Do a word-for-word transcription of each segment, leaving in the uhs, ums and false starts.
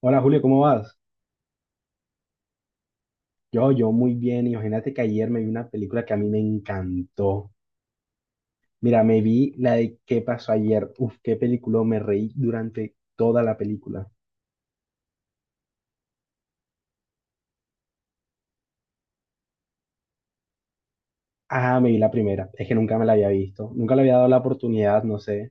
Hola Julio, ¿cómo vas? Yo, yo muy bien. Imagínate que ayer me vi una película que a mí me encantó. Mira, me vi la de ¿Qué pasó ayer? Uf, qué película, me reí durante toda la película. Ah, me vi la primera. Es que nunca me la había visto. Nunca le había dado la oportunidad, no sé.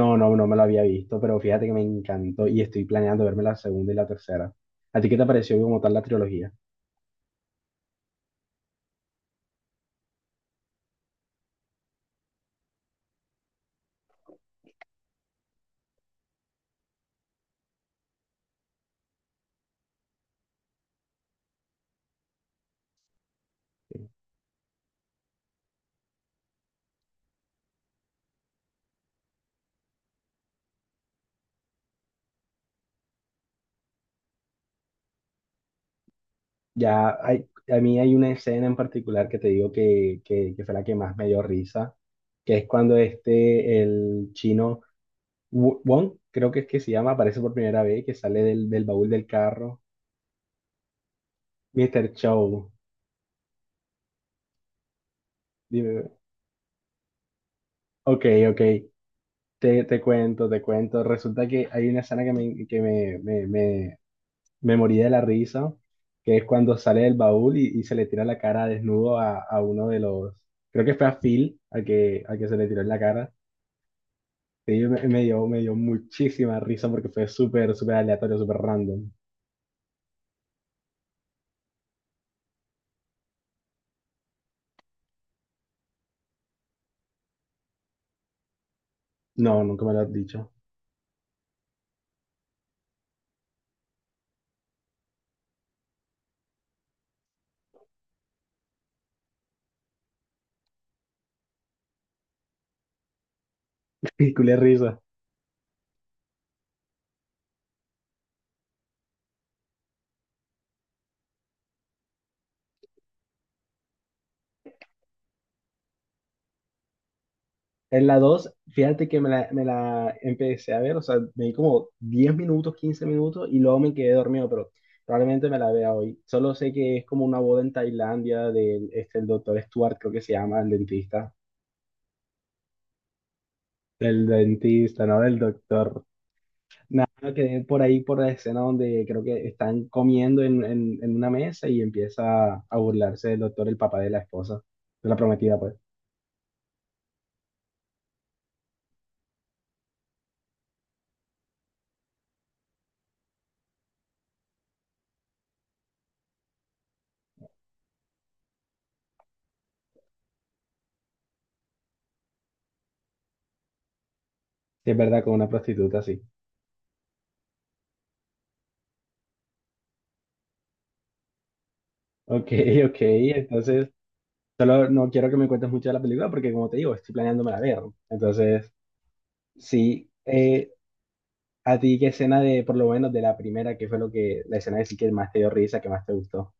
No, no, no me la había visto, pero fíjate que me encantó y estoy planeando verme la segunda y la tercera. ¿A ti qué te pareció como tal la trilogía? Ya hay, a mí hay una escena en particular que te digo que, que, que fue la que más me dio risa, que es cuando este, el chino Wo- Wong, creo que es que se llama, aparece por primera vez, que sale del, del baúl del carro. Mister Chow, dime. Ok, ok, te, te cuento, te cuento. Resulta que hay una escena que me, que me, me, me, me morí de la risa, que es cuando sale del baúl y, y se le tira la cara desnudo a, a uno de los, creo que fue a Phil, al que, al que se le tiró en la cara. Sí, me, me dio, me dio muchísima risa porque fue súper, súper aleatorio, súper random. No, nunca me lo has dicho. Y Culé risa. En la dos, fíjate que me la, me la empecé a ver, o sea, me di como diez minutos, quince minutos y luego me quedé dormido, pero probablemente me la vea hoy. Solo sé que es como una boda en Tailandia del este, el doctor Stuart, creo que se llama, el dentista. El dentista, no del doctor. Nada, quedé por ahí por la escena donde creo que están comiendo en, en, en una mesa y empieza a burlarse del doctor, el papá de la esposa, de la prometida, pues. Si es verdad, con una prostituta, sí. Ok, ok, entonces, solo no quiero que me cuentes mucho de la película porque, como te digo, estoy planeándome la ver. Entonces, sí, eh, a ti, ¿qué escena de, por lo menos, de la primera, qué fue lo que, la escena que sí que más te dio risa, que más te gustó?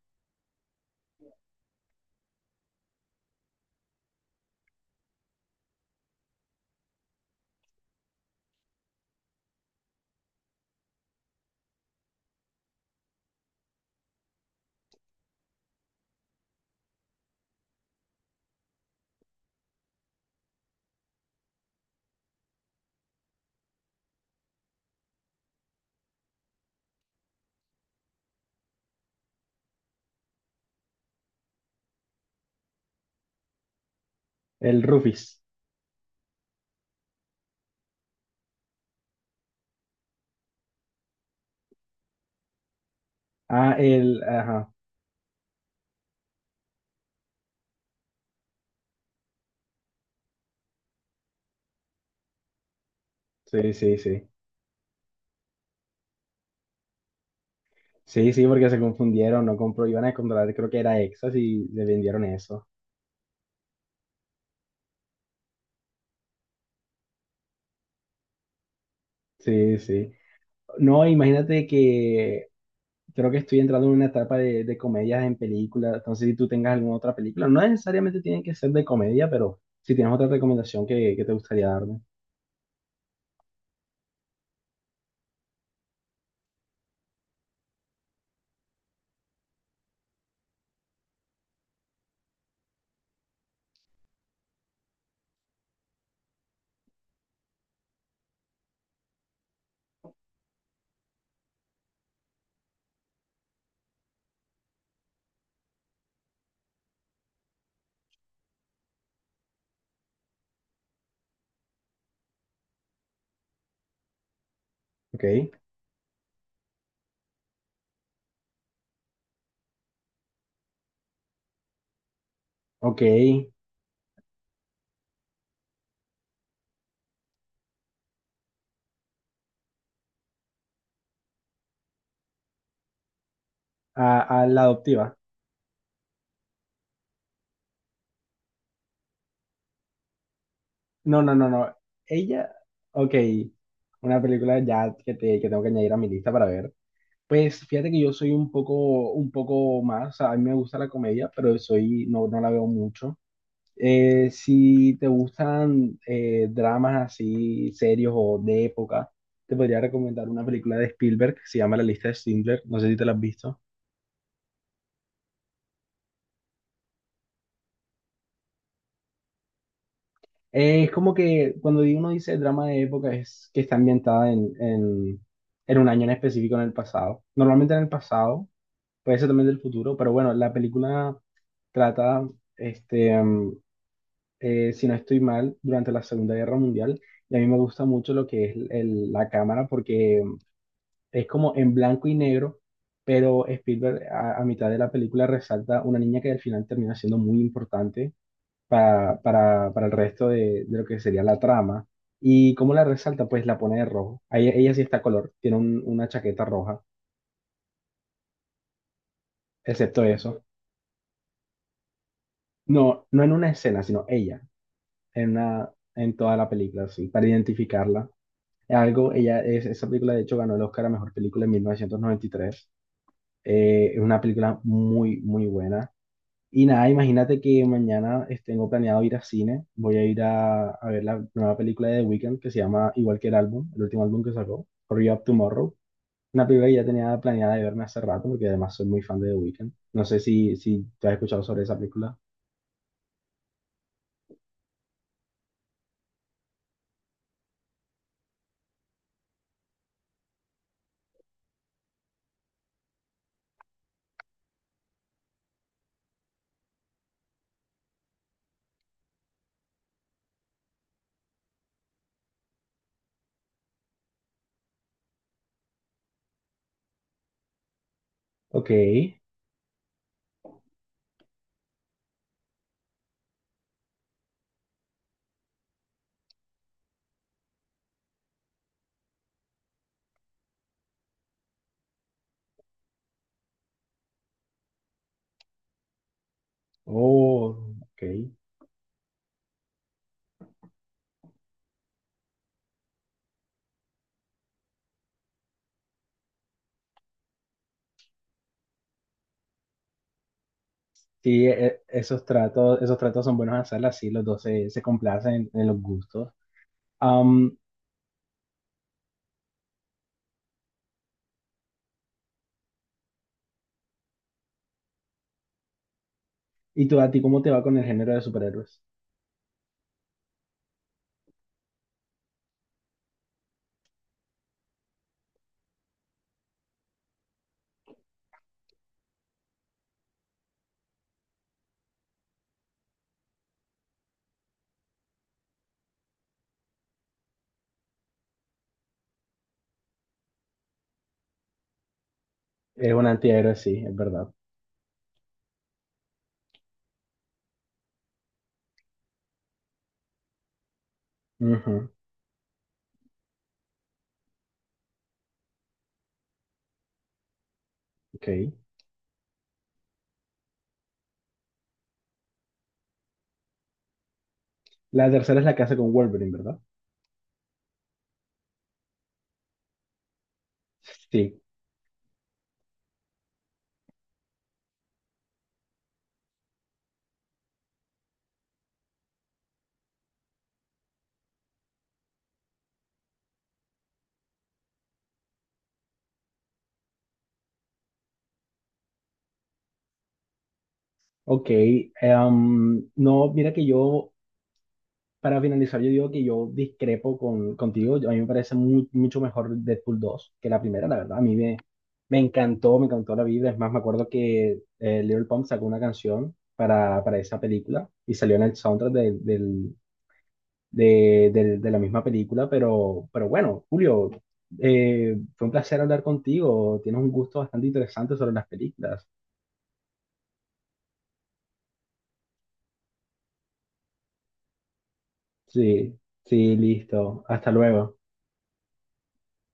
El Rufis. Ah, el, ajá, sí, sí, sí. Sí, sí, porque se confundieron, no compró, iban a comprar, creo que era Exas y le vendieron eso. Sí, sí. No, imagínate que creo que estoy entrando en una etapa de, de comedias en películas, entonces si tú tengas alguna otra película, no necesariamente tienen que ser de comedia, pero si tienes otra recomendación que, que te gustaría darme. Ok, ok, a, a la adoptiva. No, no, no, no, ella, ok, una película ya que, te, que tengo que añadir a mi lista para ver. Pues fíjate que yo soy un poco, un poco más, o sea, a mí me gusta la comedia, pero soy, no, no la veo mucho. Eh, si te gustan eh, dramas así serios o de época, te podría recomendar una película de Spielberg que se llama La lista de Schindler, no sé si te la has visto. Eh, es como que cuando uno dice drama de época es que está ambientada en, en, en un año en específico en el pasado. Normalmente en el pasado, puede ser también del futuro, pero bueno, la película trata este, mm, eh, si no estoy mal, durante la Segunda Guerra Mundial. Y a mí me gusta mucho lo que es el- la cámara porque es como en blanco y negro, pero Spielberg a, a mitad de la película resalta una niña que al final termina siendo muy importante para, para, para el resto de, de lo que sería la trama. ¿Y cómo la resalta? Pues la pone de rojo. Ahí- Ella, sí está a color, tiene un- una chaqueta roja, excepto eso. No, no en una escena, sino ella, en, una, en toda la película, sí, para identificarla. Algo, ella, es, esa película de hecho ganó el Oscar a Mejor Película en mil novecientos noventa y tres. Eh, es una película muy, muy buena. Y nada, imagínate que mañana eh, tengo planeado ir a cine. Voy a ir a, a ver la nueva película de The Weeknd que se llama igual que el álbum, el último álbum que sacó, Hurry Up Tomorrow. Una película que ya tenía planeada de verme hace rato porque además soy muy fan de The Weeknd. No sé si, si te has escuchado sobre esa película. Ok. Oh, ok. Sí, e- esos tratos, esos tratos son buenos hacerlas, sí, los dos se, se complacen en, los gustos. Am, ¿y tú, a ti cómo te va con el género de superhéroes? Es un antihéroe, sí, es verdad. Ujú, ok. La tercera es la que hace con Wolverine, ¿verdad? Sí, ok. Em, no, mira que yo para finalizar, yo digo que yo discrepo con, contigo. Yo- A mí me parece mu- mucho mejor Deadpool dos que la primera, la verdad. A mí me, me encantó, me encantó la vida. Es más, me acuerdo que eh, Little Pump sacó una canción para, para esa película y salió en el soundtrack del- del- de, del- de la misma película. Pero, pero bueno, Julio, eh, fue un placer hablar contigo. Tienes un gusto bastante interesante sobre las películas. Sí, sí, listo. Hasta luego.